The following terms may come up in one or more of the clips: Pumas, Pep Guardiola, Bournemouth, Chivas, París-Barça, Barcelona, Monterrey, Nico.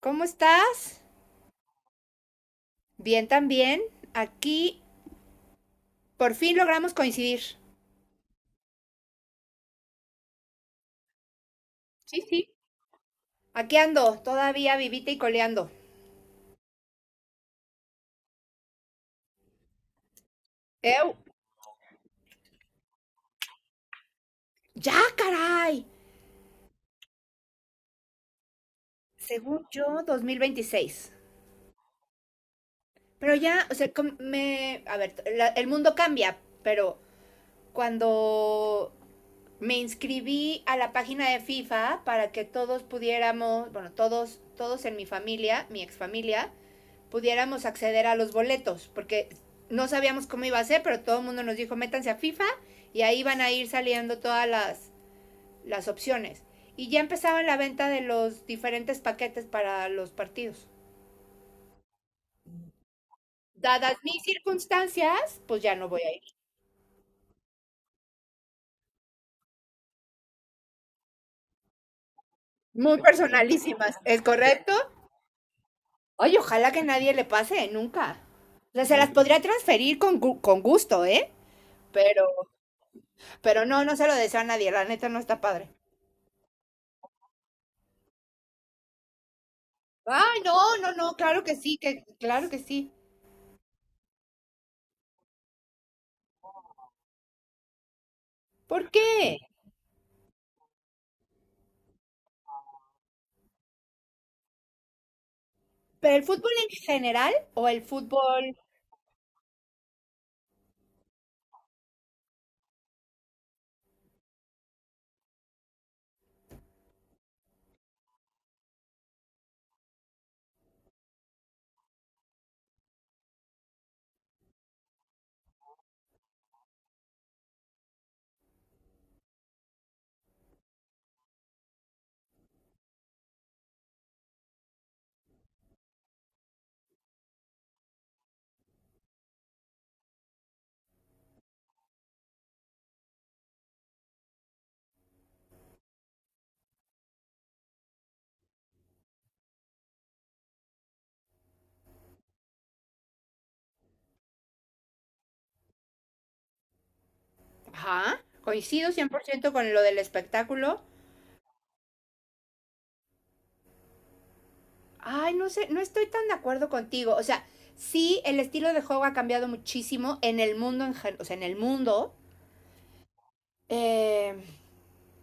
¿Cómo estás? Bien también. Aquí por fin logramos coincidir. Sí, sí. Aquí ando, todavía vivita y coleando. Ew. Ya, caray. Según yo, 2026. Pero ya, o sea, me... A ver, el mundo cambia, pero cuando me inscribí a la página de FIFA para que todos pudiéramos, bueno, todos en mi familia, mi exfamilia, pudiéramos acceder a los boletos, porque no sabíamos cómo iba a ser, pero todo el mundo nos dijo, métanse a FIFA y ahí van a ir saliendo todas las opciones. Y ya empezaba la venta de los diferentes paquetes para los partidos. Dadas mis circunstancias, pues ya no voy a ir. Muy personalísimas, ¿es correcto? Oye, ojalá que nadie le pase, nunca. O sea, se las podría transferir con gusto, ¿eh? Pero, pero no, no se lo deseo a nadie, la neta no está padre. Ay, no, no, no, claro que sí, que claro que sí. ¿Por qué? ¿Pero el fútbol en general o el fútbol? Ajá, coincido 100% con lo del espectáculo. Ay, no sé, no estoy tan de acuerdo contigo. O sea, sí, el estilo de juego ha cambiado muchísimo en el mundo, o sea, en el mundo. Eh,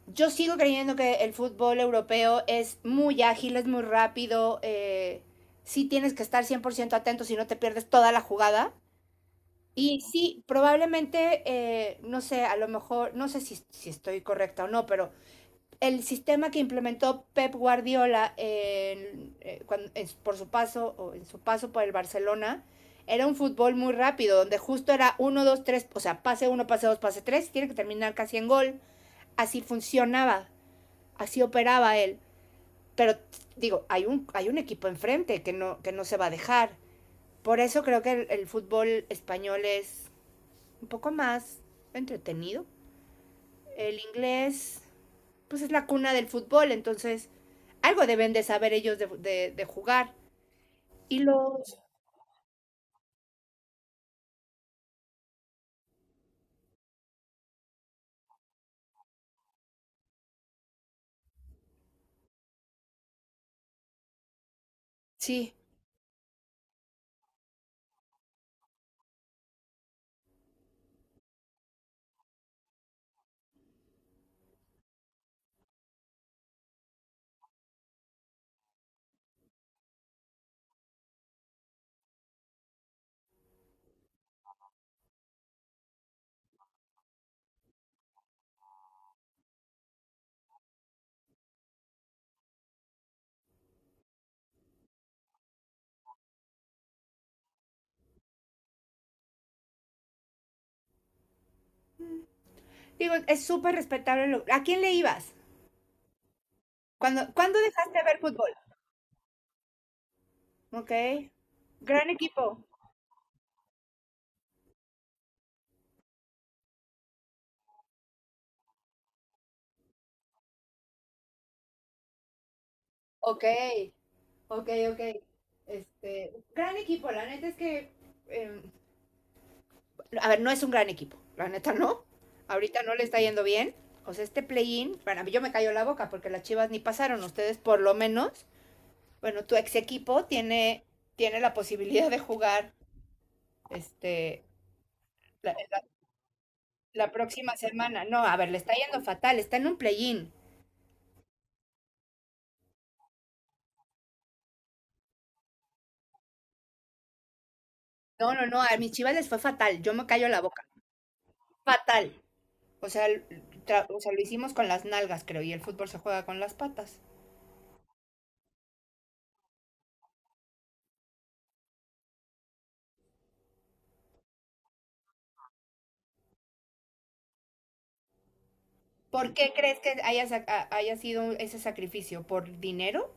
yo sigo creyendo que el fútbol europeo es muy ágil, es muy rápido. Sí tienes que estar 100% atento si no te pierdes toda la jugada. Y sí, probablemente, no sé, a lo mejor, no sé si estoy correcta o no, pero el sistema que implementó Pep Guardiola en, cuando- en- su- por su paso, o en su paso por el Barcelona, era un fútbol muy rápido, donde justo era uno 2 tres, o sea, pase uno pase 2 pase 3 tiene que terminar casi en gol. Así funcionaba, así operaba él. Pero digo, hay un equipo enfrente que no se va a dejar. Por eso creo que el fútbol español es un poco más entretenido. El inglés, pues es la cuna del fútbol, entonces algo deben de saber ellos de jugar. Y los, sí, digo, es súper respetable. ¿A quién le ibas? ¿Cuándo dejaste de ver fútbol? Ok, gran equipo. Ok, ok, ok. Este, gran equipo, la neta es que em, a ver, no es un gran equipo, la neta no. Ahorita no le está yendo bien. O sea, este play-in, para mí yo me cayó la boca porque las Chivas ni pasaron. Ustedes por lo menos, bueno, tu ex equipo tiene la posibilidad de jugar este, la, la próxima semana. No, a ver, le está yendo fatal, está en un play-in. No, no, no, a mis Chivas les fue fatal, yo me callo la boca. Fatal. O sea, o sea, lo hicimos con las nalgas, creo, y el fútbol se juega con las patas. ¿Por qué crees que haya sido ese sacrificio? ¿Por dinero?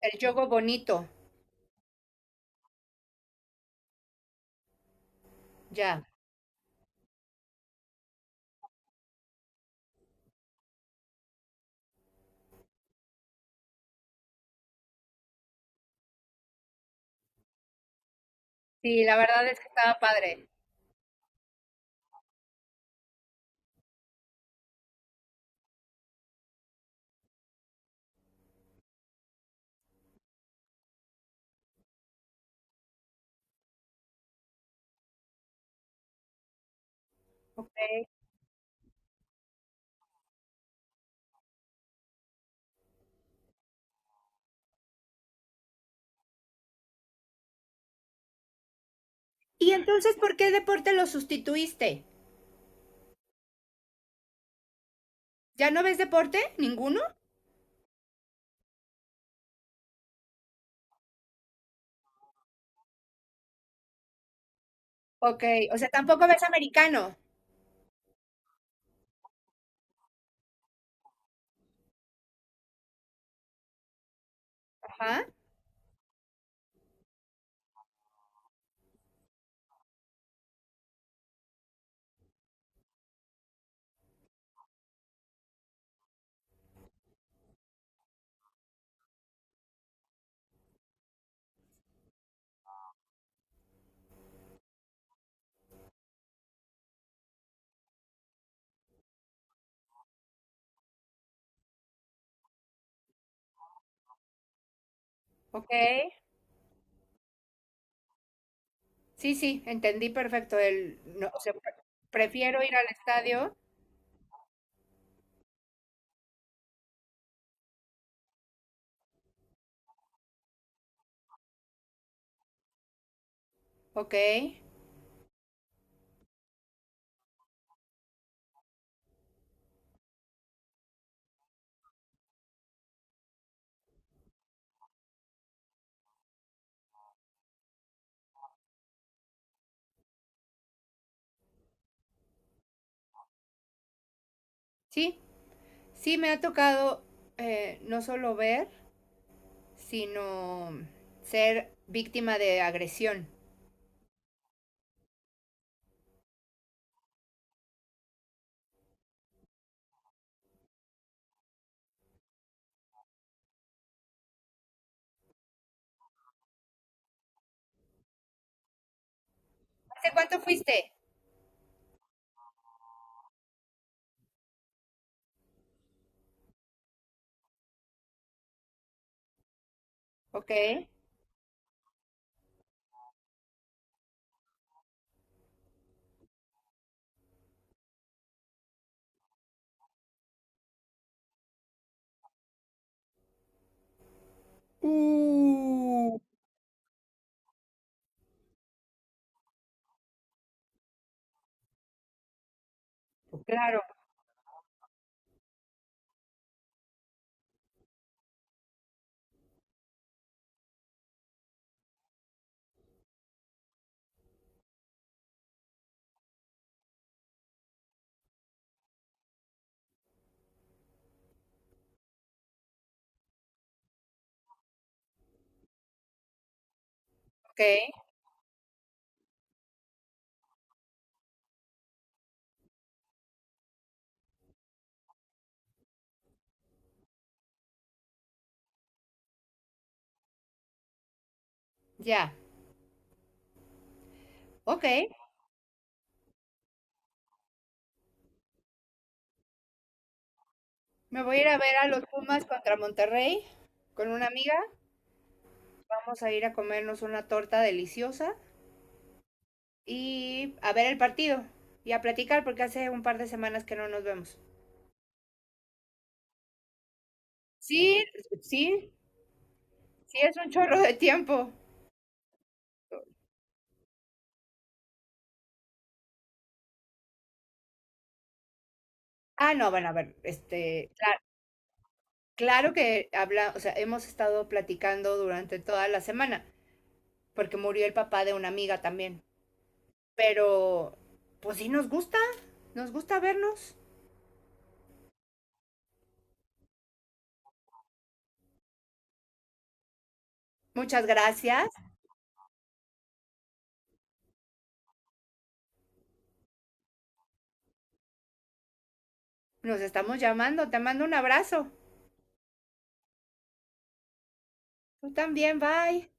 El yogo bonito, ya. Sí, la verdad es que estaba padre. Ok. ¿Y entonces por qué deporte lo sustituiste? ¿Ya no ves deporte? ¿Ninguno? Ok, o sea, tampoco ves americano. Ajá, ok. Sí, sí, entendí perfecto. No, o sea, prefiero ir al estadio. Ok. Sí, sí, me ha tocado no solo ver, sino ser víctima de agresión. ¿Hace cuánto fuiste? Ok. Uh, claro. Ok, ya. Ok. Me voy a ir a ver a los Pumas contra Monterrey con una amiga. Vamos a ir a comernos una torta deliciosa y a ver el partido y a platicar porque hace un par de semanas que no nos vemos. Sí, sí, sí es un chorro de tiempo. Ah, no, bueno, a ver, este, claro que habla, o sea, hemos estado platicando durante toda la semana porque murió el papá de una amiga también, pero pues sí nos gusta vernos. Muchas gracias. Nos estamos llamando. Te mando un abrazo. Tú también, bye.